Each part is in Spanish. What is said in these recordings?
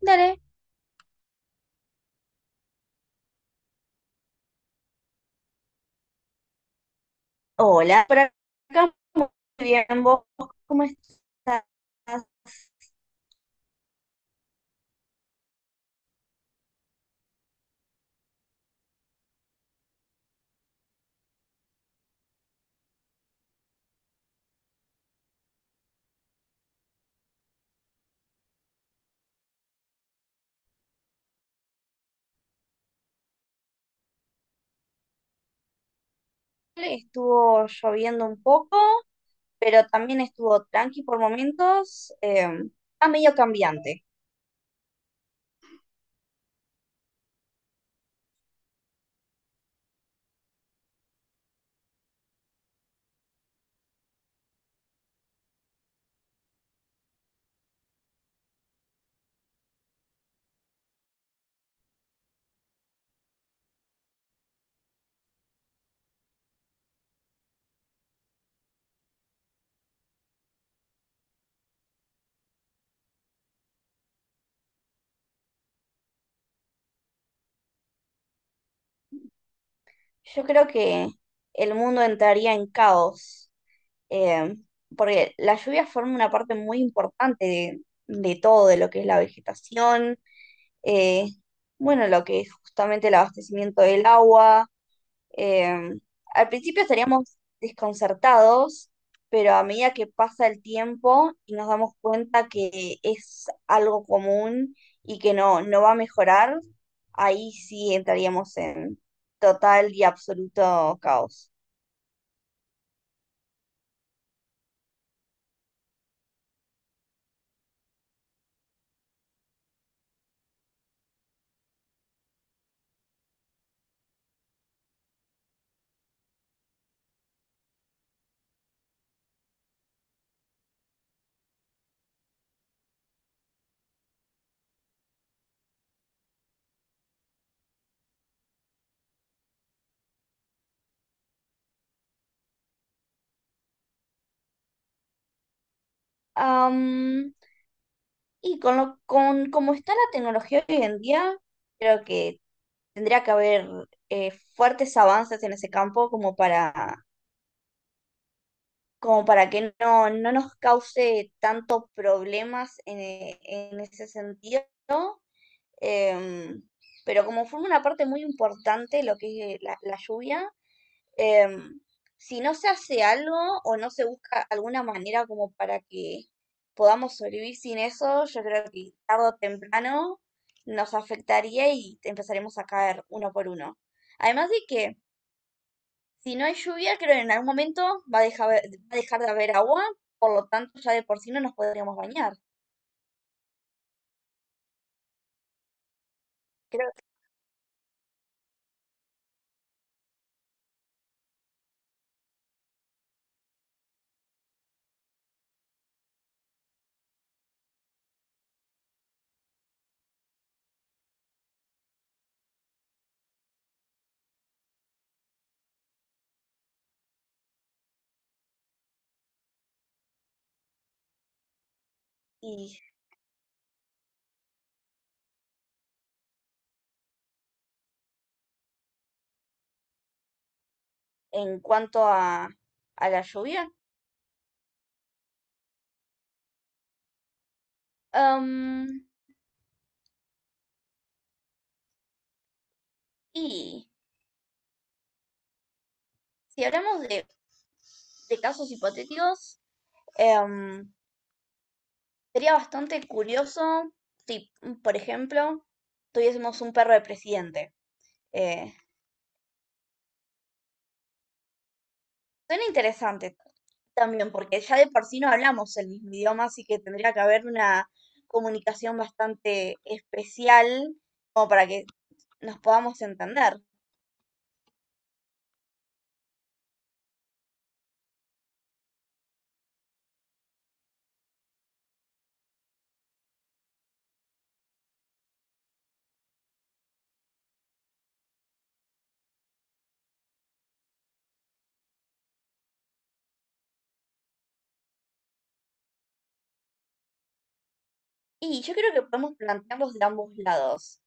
Dale. Hola, por acá muy bien. ¿Vos cómo estás? Estuvo lloviendo un poco, pero también estuvo tranqui por momentos. Está medio cambiante. Yo creo que el mundo entraría en caos, eh, porque la lluvia forma una parte muy importante de todo, de lo que es la vegetación, eh, bueno, lo que es justamente el abastecimiento del agua. Eh, Al principio estaríamos desconcertados, pero a medida que pasa el tiempo y nos damos cuenta que es algo común y que no va a mejorar, ahí sí entraríamos en total y absoluto caos. Am, y con cómo está la tecnología hoy en día, creo que tendría que haber fuertes avances en ese campo como para como para que no nos cause tantos problemas en, en ese sentido. em, pero como forma una parte muy importante lo que es la lluvia, em, si no se hace algo o no se busca alguna manera como para que podamos sobrevivir sin eso, yo creo que tarde o temprano nos afectaría y empezaremos a caer uno por uno. Además de que si no hay lluvia, creo que en algún momento va a dejar de haber agua, por lo tanto ya de por sí no nos podríamos bañar. Creo que y En cuanto a la lluvia, em, y si hablamos de casos hipotéticos, em, sería bastante curioso si, por ejemplo, tuviésemos un perro de presidente. Eh, Suena interesante también, porque ya de por sí no hablamos el mismo idioma, así que tendría que haber una comunicación bastante especial como para que nos podamos entender. Y yo creo que podemos plantearlos de ambos lados,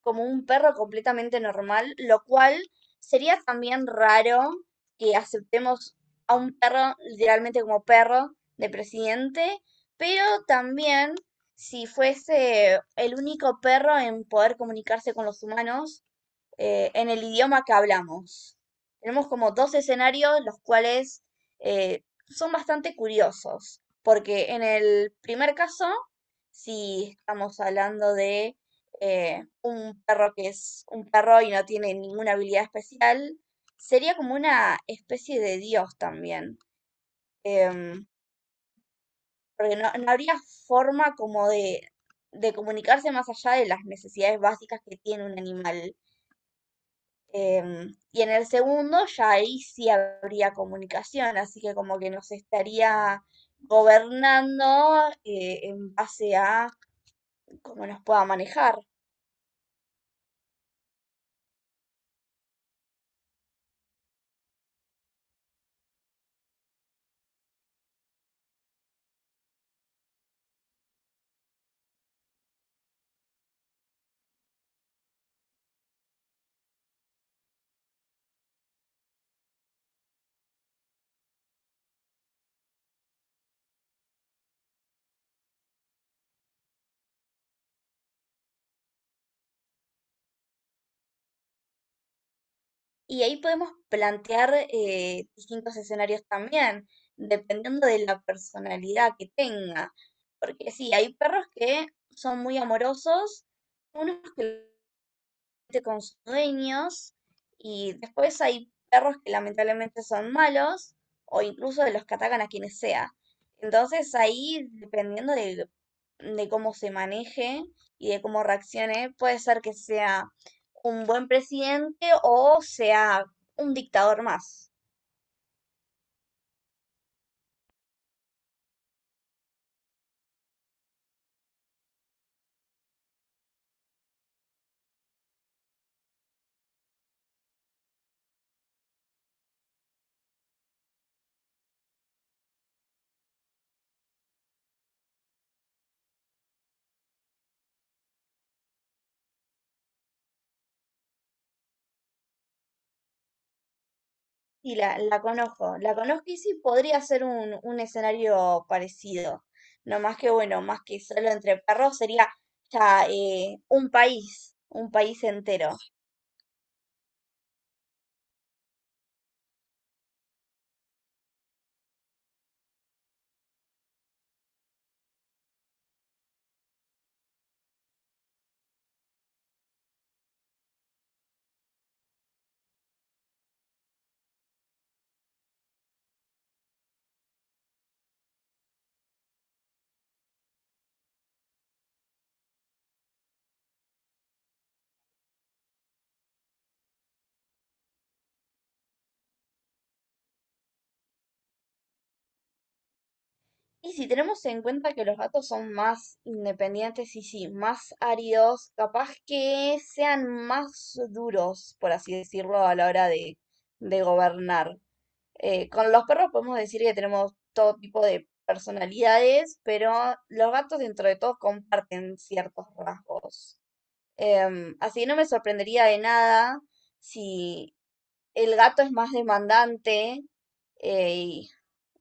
como un perro completamente normal, lo cual sería también raro que aceptemos a un perro literalmente como perro de presidente, pero también si fuese el único perro en poder comunicarse con los humanos, en el idioma que hablamos. Tenemos como dos escenarios, los cuales son bastante curiosos, porque en el primer caso, si estamos hablando de un perro que es un perro y no tiene ninguna habilidad especial, sería como una especie de dios también, em, porque no habría forma como de comunicarse más allá de las necesidades básicas que tiene un animal. Y en el segundo ya ahí sí habría comunicación, así que como que nos estaría gobernando en base a cómo nos pueda manejar. Y ahí podemos plantear distintos escenarios también, dependiendo de la personalidad que tenga. Porque sí, hay perros que son muy amorosos, unos que con sus dueños, y después hay perros que lamentablemente son malos o incluso de los que atacan a quienes sea. Entonces ahí, dependiendo de cómo se maneje y de cómo reaccione, puede ser que sea un buen presidente o sea un dictador más. Sí, la conozco, la conozco, y sí podría ser un escenario parecido. No más que bueno, más que solo entre perros sería ya un país entero. Y si tenemos en cuenta que los gatos son más independientes y sí, más áridos, capaz que sean más duros, por así decirlo, a la hora de gobernar. Con los perros podemos decir que tenemos todo tipo de personalidades, pero los gatos dentro de todo comparten ciertos rasgos. Así que no me sorprendería de nada si el gato es más demandante, y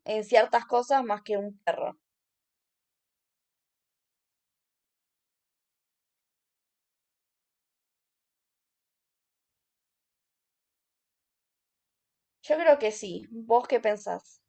en ciertas cosas más que un perro. Yo creo que sí. ¿Vos qué pensás?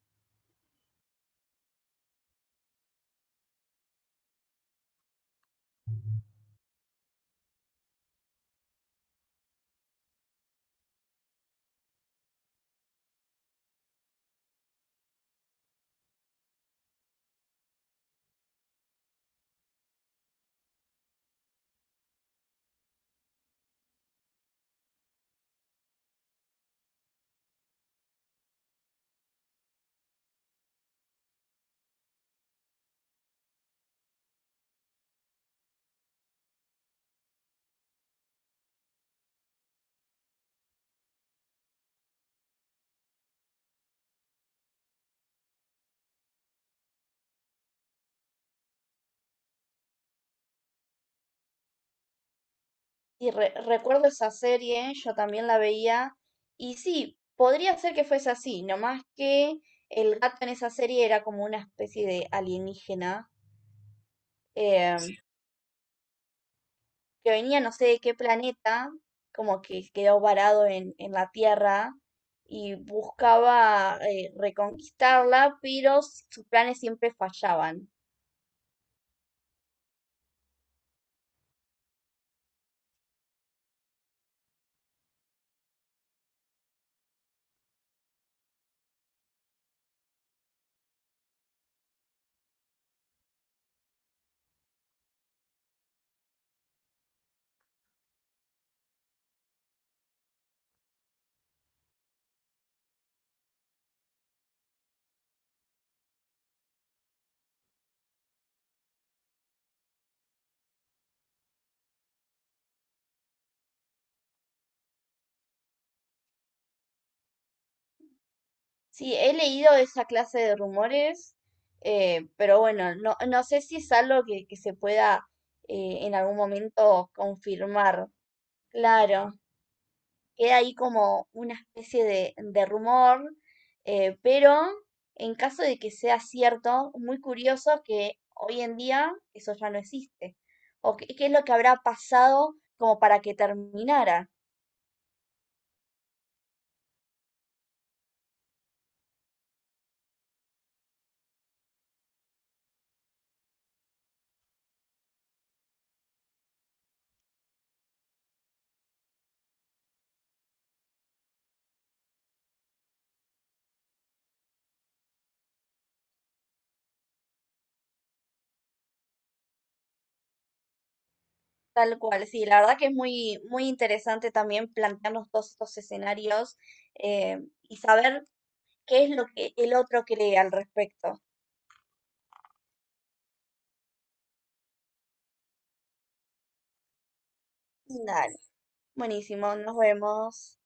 Y recuerdo esa serie, yo también la veía, y sí, podría ser que fuese así, nomás que el gato en esa serie era como una especie de alienígena. Sí. Que venía no sé de qué planeta, como que quedó varado en la Tierra y buscaba reconquistarla, pero sus planes siempre fallaban. Sí, he leído esa clase de rumores, pero bueno, no sé si es algo que se pueda en algún momento confirmar. Claro, queda ahí como una especie de rumor, pero en caso de que sea cierto, muy curioso que hoy en día eso ya no existe. ¿O qué, qué es lo que habrá pasado como para que terminara? Tal cual, sí, la verdad que es muy, muy interesante también plantearnos todos estos escenarios, eh, y saber qué es lo que el otro cree al respecto. Dale. Buenísimo, nos vemos.